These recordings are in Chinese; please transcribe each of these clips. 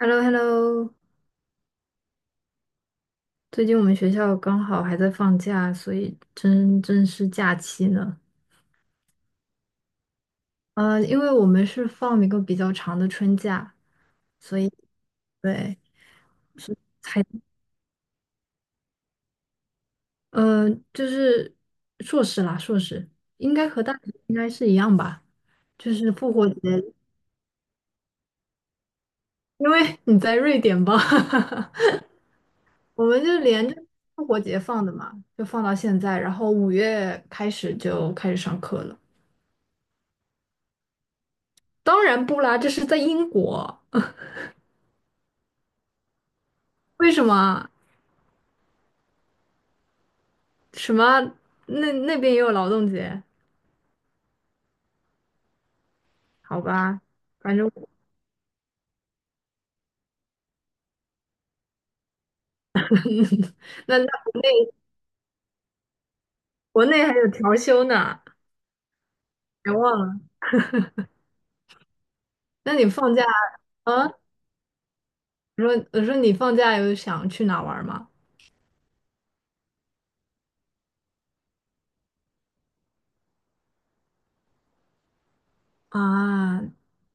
h e l l o h e l l o 最近我们学校刚好还在放假，所以真正是假期呢。因为我们是放一个比较长的春假，所以对，是才就是硕士啦，硕士应该和大学应该是一样吧，就是复活节，因为你在瑞典吧，我们就连着复活节放的嘛，就放到现在，然后五月开始就开始上课了。当然不啦，这是在英国。为什么？什么？那那边也有劳动节？好吧，反正我 那那国内还有调休呢，别忘了。那你放假啊？我说你放假有想去哪玩吗？啊，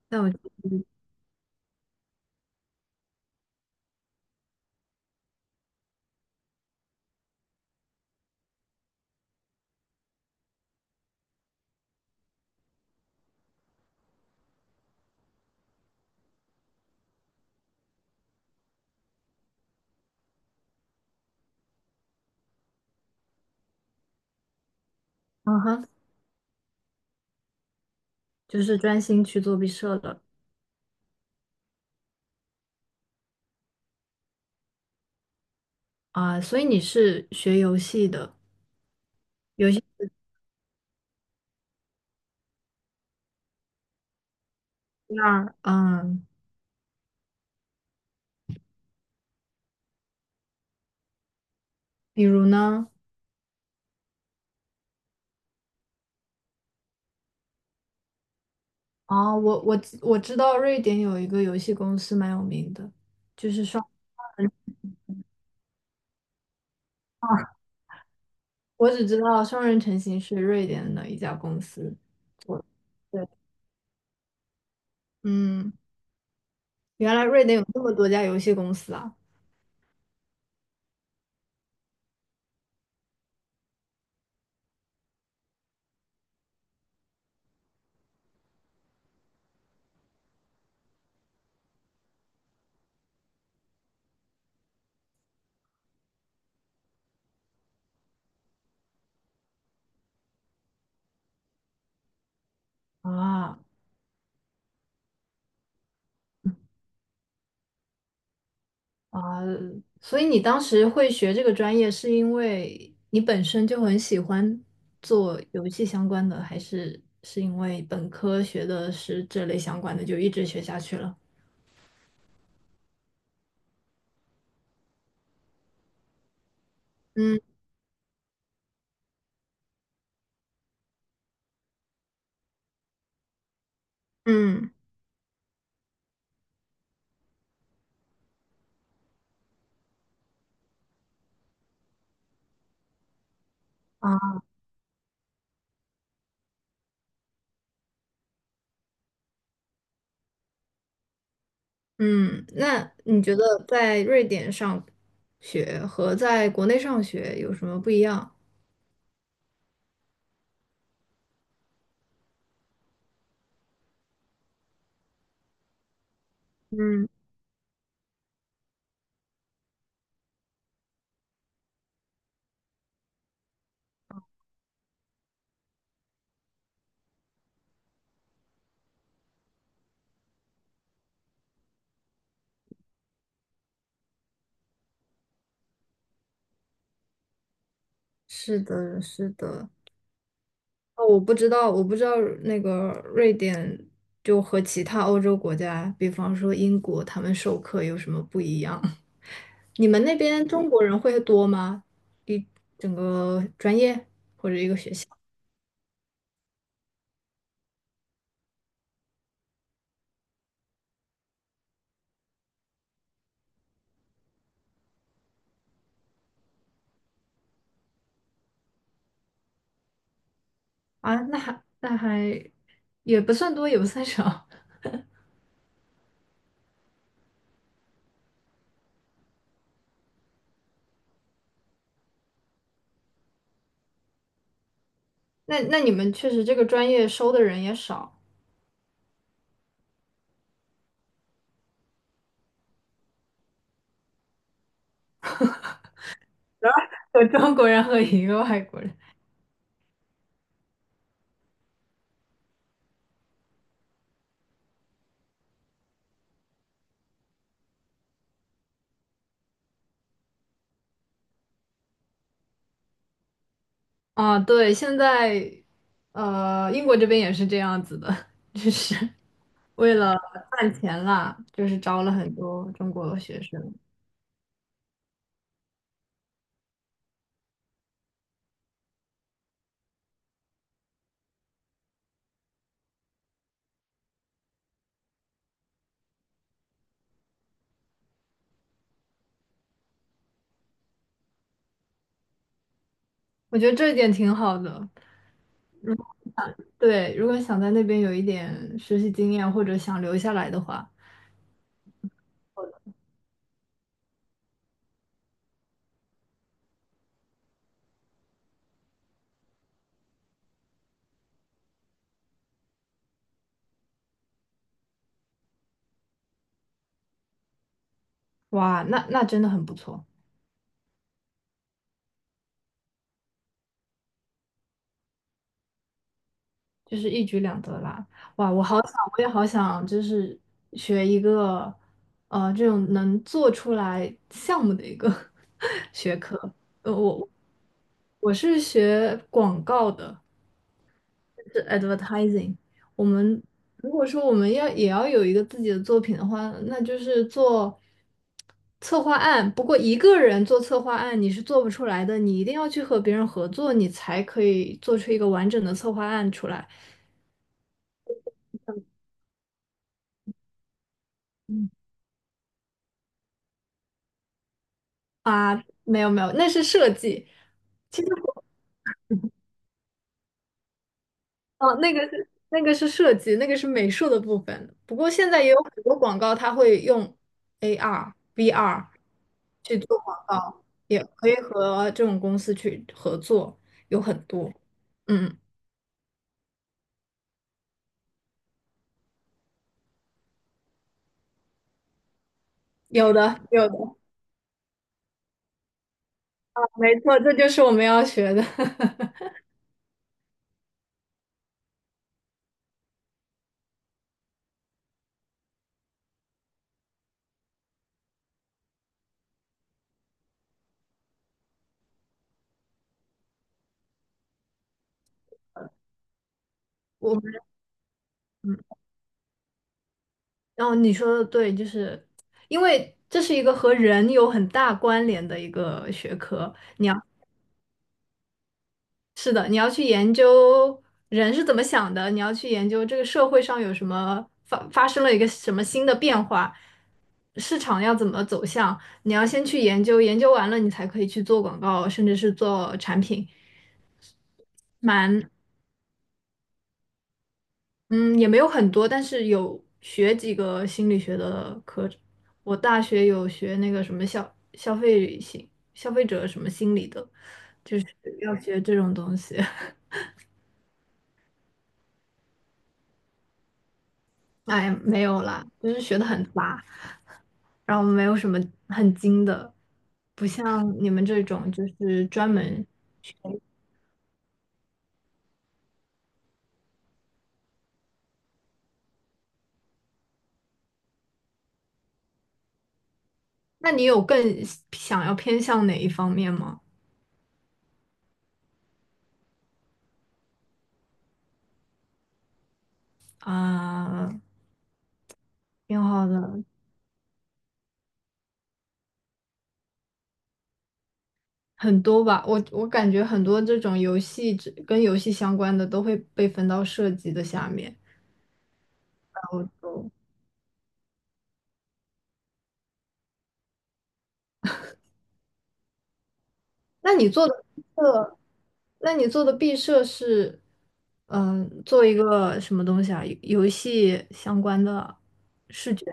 那我嗯哼，就是专心去做毕设的啊。所以你是学游戏的，游戏那儿嗯，比如呢？哦，我知道瑞典有一个游戏公司蛮有名的。啊，我只知道双人成行是瑞典的一家公司做的对，嗯，原来瑞典有这么多家游戏公司啊！啊啊，所以你当时会学这个专业，是因为你本身就很喜欢做游戏相关的，还是是因为本科学的是这类相关的，就一直学下去了？嗯嗯。啊。嗯，那你觉得在瑞典上学和在国内上学有什么不一样？嗯，是的，是的。哦，我不知道，那个瑞典就和其他欧洲国家，比方说英国，他们授课有什么不一样？你们那边中国人会多吗？一整个专业或者一个学校啊？那还也不算多，也不算少。那那你们确实这个专业收的人也少，有中国人和一个外国人。啊，对，现在英国这边也是这样子的，就是。为了赚钱啦，就是招了很多中国学生，我觉得这一点挺好的。对，如果想在那边有一点实习经验，或者想留下来的话，哇，那真的很不错，就是一举两得啦。哇，我好想，就是学一个，这种能做出来项目的一个 学科。呃，我我是学广告的，是 advertising。我们如果说我们要也要有一个自己的作品的话，那就是做策划案。不过一个人做策划案你是做不出来的，你一定要去和别人合作，你才可以做出一个完整的策划案出来啊。没有没有，那是设计。其实。哦，那个是设计，那个是美术的部分。不过现在也有很多广告，它会用 AR、VR 去做广告，也可以和这种公司去合作，有很多。嗯，有的，没错，这就是我们要学的。我们，然后你说的对，就是因为这是一个和人有很大关联的一个学科，是的，你要去研究人是怎么想的，你要去研究这个社会上有什么发生了一个什么新的变化，市场要怎么走向，你要先去研究，研究完了你才可以去做广告，甚至是做产品。蛮，嗯，也没有很多，但是有学几个心理学的课。我大学有学那个什么消费消费者什么心理的，就是要学这种东西。哎，没有啦，就是学的很杂。然后没有什么很精的，不像你们这种就是专门。那你有更想要偏向哪一方面吗？啊、挺好的，很多吧。我感觉很多这种游戏只跟游戏相关的都会被分到设计的下面。然后就，那你做的毕设，那你做的毕设是，嗯、做一个什么东西啊？游戏相关的视觉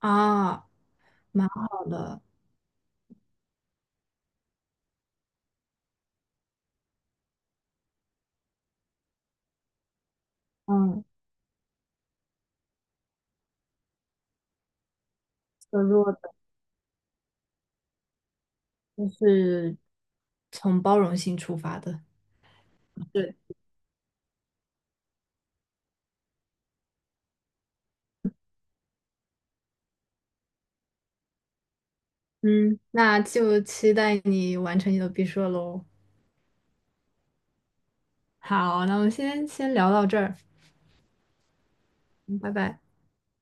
啊。蛮好的，嗯，削弱的，就是从包容性出发的。对，嗯，那就期待你完成你的毕设喽。好，那我们先聊到这儿，嗯拜拜。